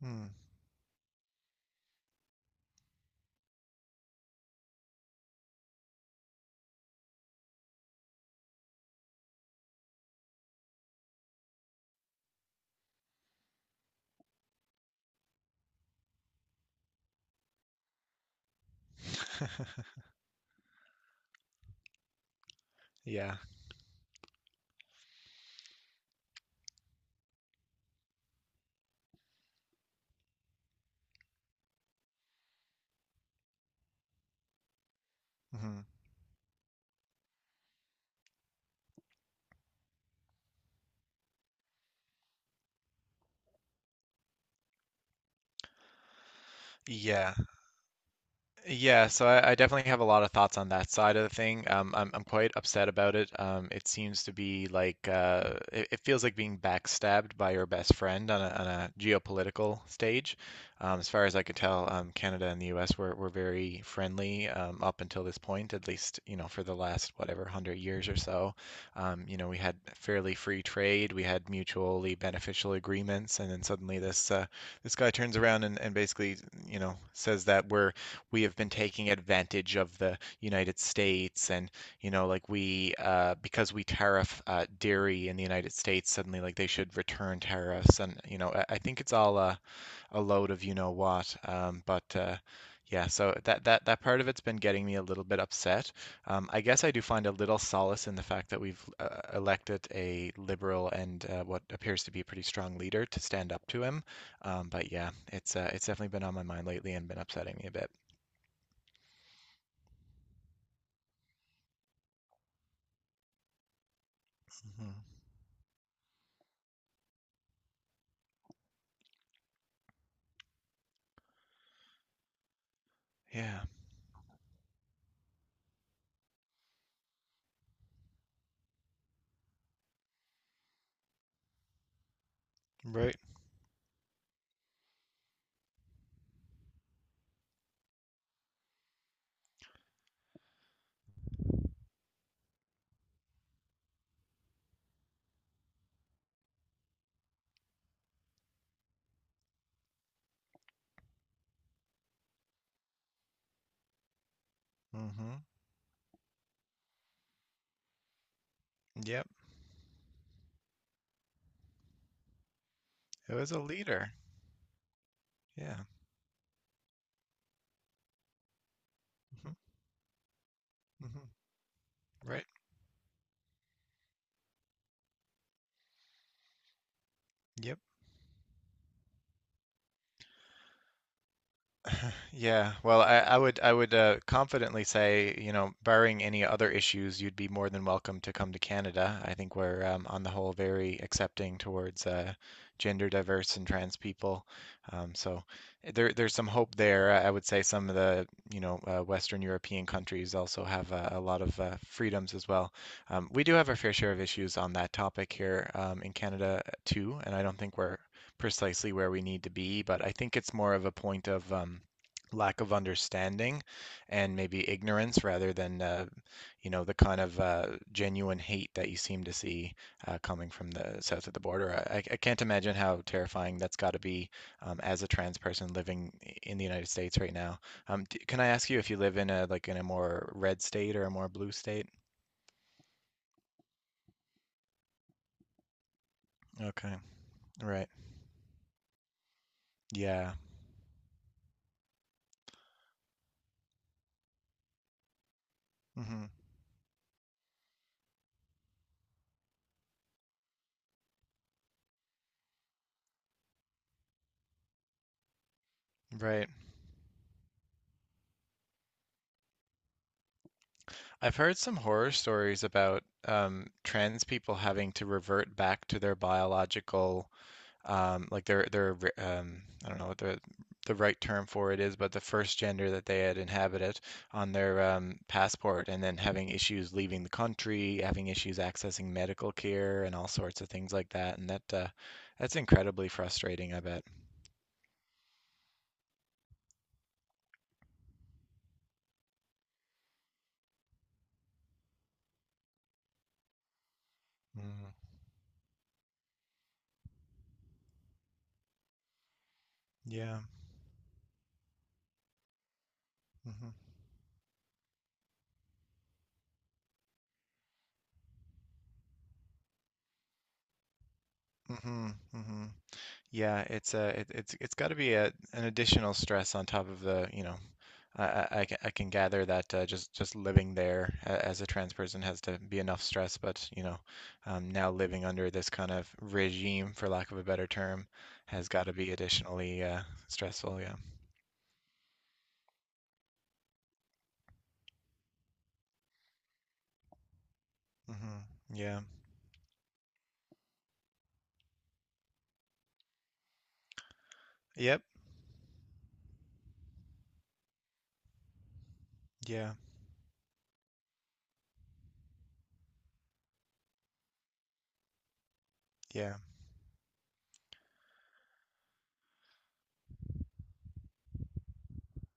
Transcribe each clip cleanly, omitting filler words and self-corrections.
Hmm. Yeah. Mhm. Yeah. Yeah, so I definitely have a lot of thoughts on that side of the thing. I'm quite upset about it. It seems to be like it feels like being backstabbed by your best friend on on a geopolitical stage. As far as I could tell, Canada and the U.S. were very friendly up until this point, at least for the last whatever hundred years or so. We had fairly free trade, we had mutually beneficial agreements, and then suddenly this guy turns around and basically says that we have been taking advantage of the United States and like we because we tariff dairy in the United States suddenly like they should return tariffs and I think it's all a load of you know what but yeah, so that part of it's been getting me a little bit upset. I guess I do find a little solace in the fact that we've elected a liberal and what appears to be a pretty strong leader to stand up to him. But yeah, it's definitely been on my mind lately and been upsetting me a bit. Hmm. Yeah, right. Hmm. Yep. It was a leader. Yeah. Hmm. Hmm. Right. Yep. Yeah, well, I would confidently say, barring any other issues, you'd be more than welcome to come to Canada. I think we're on the whole very accepting towards gender diverse and trans people. So there's some hope there. I would say some of the Western European countries also have a lot of freedoms as well. We do have our fair share of issues on that topic here in Canada too, and I don't think we're precisely where we need to be, but I think it's more of a point of lack of understanding and maybe ignorance rather than the kind of genuine hate that you seem to see coming from the south of the border. I can't imagine how terrifying that's got to be as a trans person living in the United States right now. D Can I ask you if you live in a more red state or a more blue state? Okay, right. Yeah. Hmm. Right. I've heard some horror stories about trans people having to revert back to their biological, like their, I don't know what the right term for it is, but the first gender that they had inhabited on their passport, and then having issues leaving the country, having issues accessing medical care, and all sorts of things like that. And that's incredibly frustrating, I bet. Mm, yeah. Hmm. Hmm. Hmm. Yeah, it's a it's got to be a an additional stress on top of the, I can gather that just living there as a trans person has to be enough stress, but now living under this kind of regime, for lack of a better term, has got to be additionally stressful. Yeah. Hmm. Yeah. Yep. Yeah. Yeah.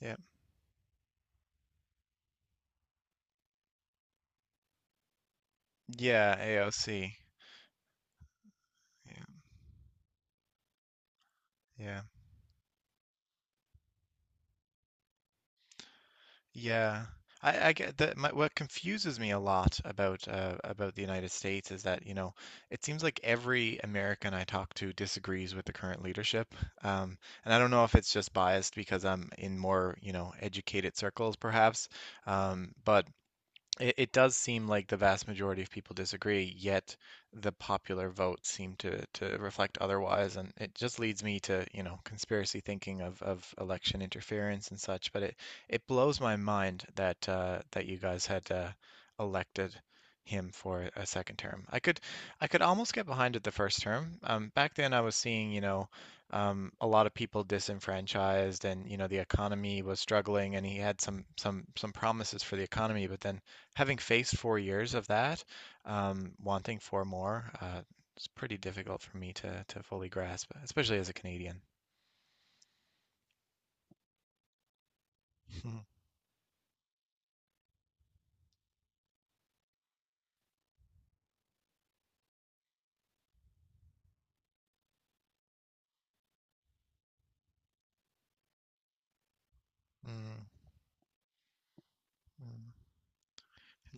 Yep. Yeah. AOC. Yeah. Yeah. Yeah, I get that. What confuses me a lot about the United States is that, it seems like every American I talk to disagrees with the current leadership. Um, and I don't know if it's just biased because I'm in more, educated circles, perhaps. But it does seem like the vast majority of people disagree, yet the popular vote seem to reflect otherwise. And it just leads me to, conspiracy thinking of election interference and such. But it blows my mind that you guys had elected him for a second term. I could almost get behind it the first term. Back then I was seeing, a lot of people disenfranchised and, the economy was struggling and he had some promises for the economy, but then having faced 4 years of that, wanting 4 more, it's pretty difficult for me to fully grasp, especially as a Canadian. Mm, mm.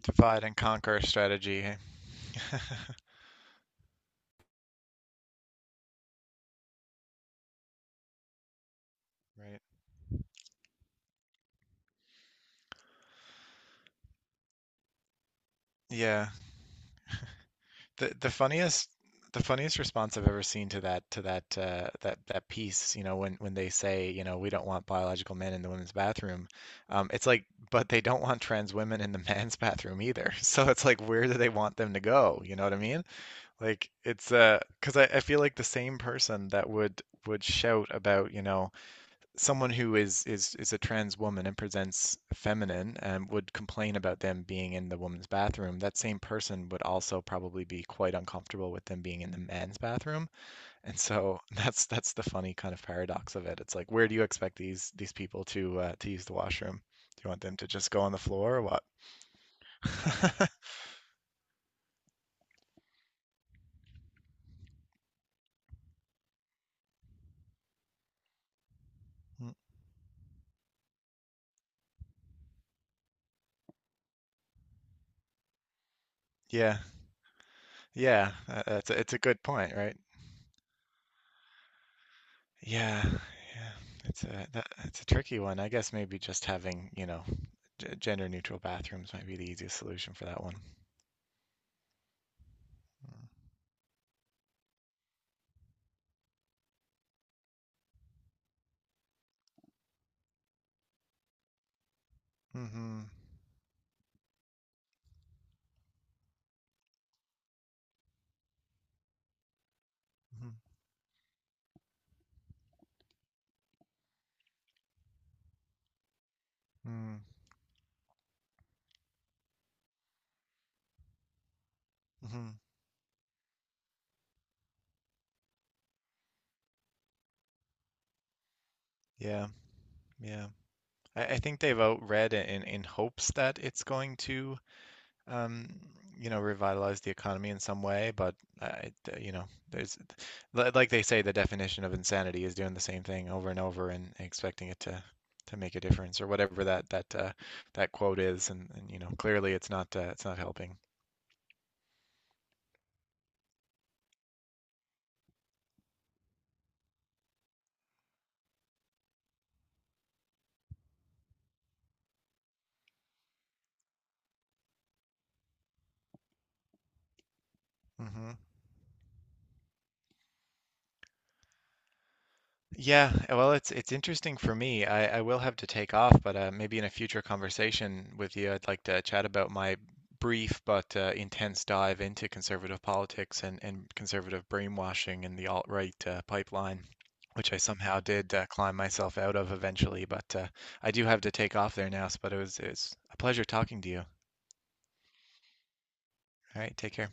Divide and conquer strategy, eh? Right. Yeah. The the funniest the funniest response I've ever seen to that piece, when they say, we don't want biological men in the women's bathroom. It's like, but they don't want trans women in the men's bathroom either. So it's like, where do they want them to go? You know what I mean? Like it's because I feel like the same person that would shout about, someone who is a trans woman and presents feminine and would complain about them being in the woman's bathroom, that same person would also probably be quite uncomfortable with them being in the man's bathroom. And so that's the funny kind of paradox of it. It's like, where do you expect these people to use the washroom? Do you want them to just go on the floor or what? Yeah. Yeah, it's a good point, right? Yeah, yeah, it's a tricky one. I guess maybe just having, g gender neutral bathrooms might be the easiest solution for that one. Mm-hmm. Mm-hmm. Hmm. Yeah, yeah. I think they've outread it in hopes that it's going to um, revitalize the economy in some way, but I, uh, you know, there's, like they say, the definition of insanity is doing the same thing over and over and expecting it to make a difference or whatever that that quote is, and clearly it's not helping. Hmm. Yeah, well, it's interesting for me. I will have to take off, but maybe in a future conversation with you, I'd like to chat about my brief but intense dive into conservative politics and conservative brainwashing and the alt-right pipeline, which I somehow did climb myself out of eventually. But I do have to take off there now, but it's a pleasure talking to you. All right, take care.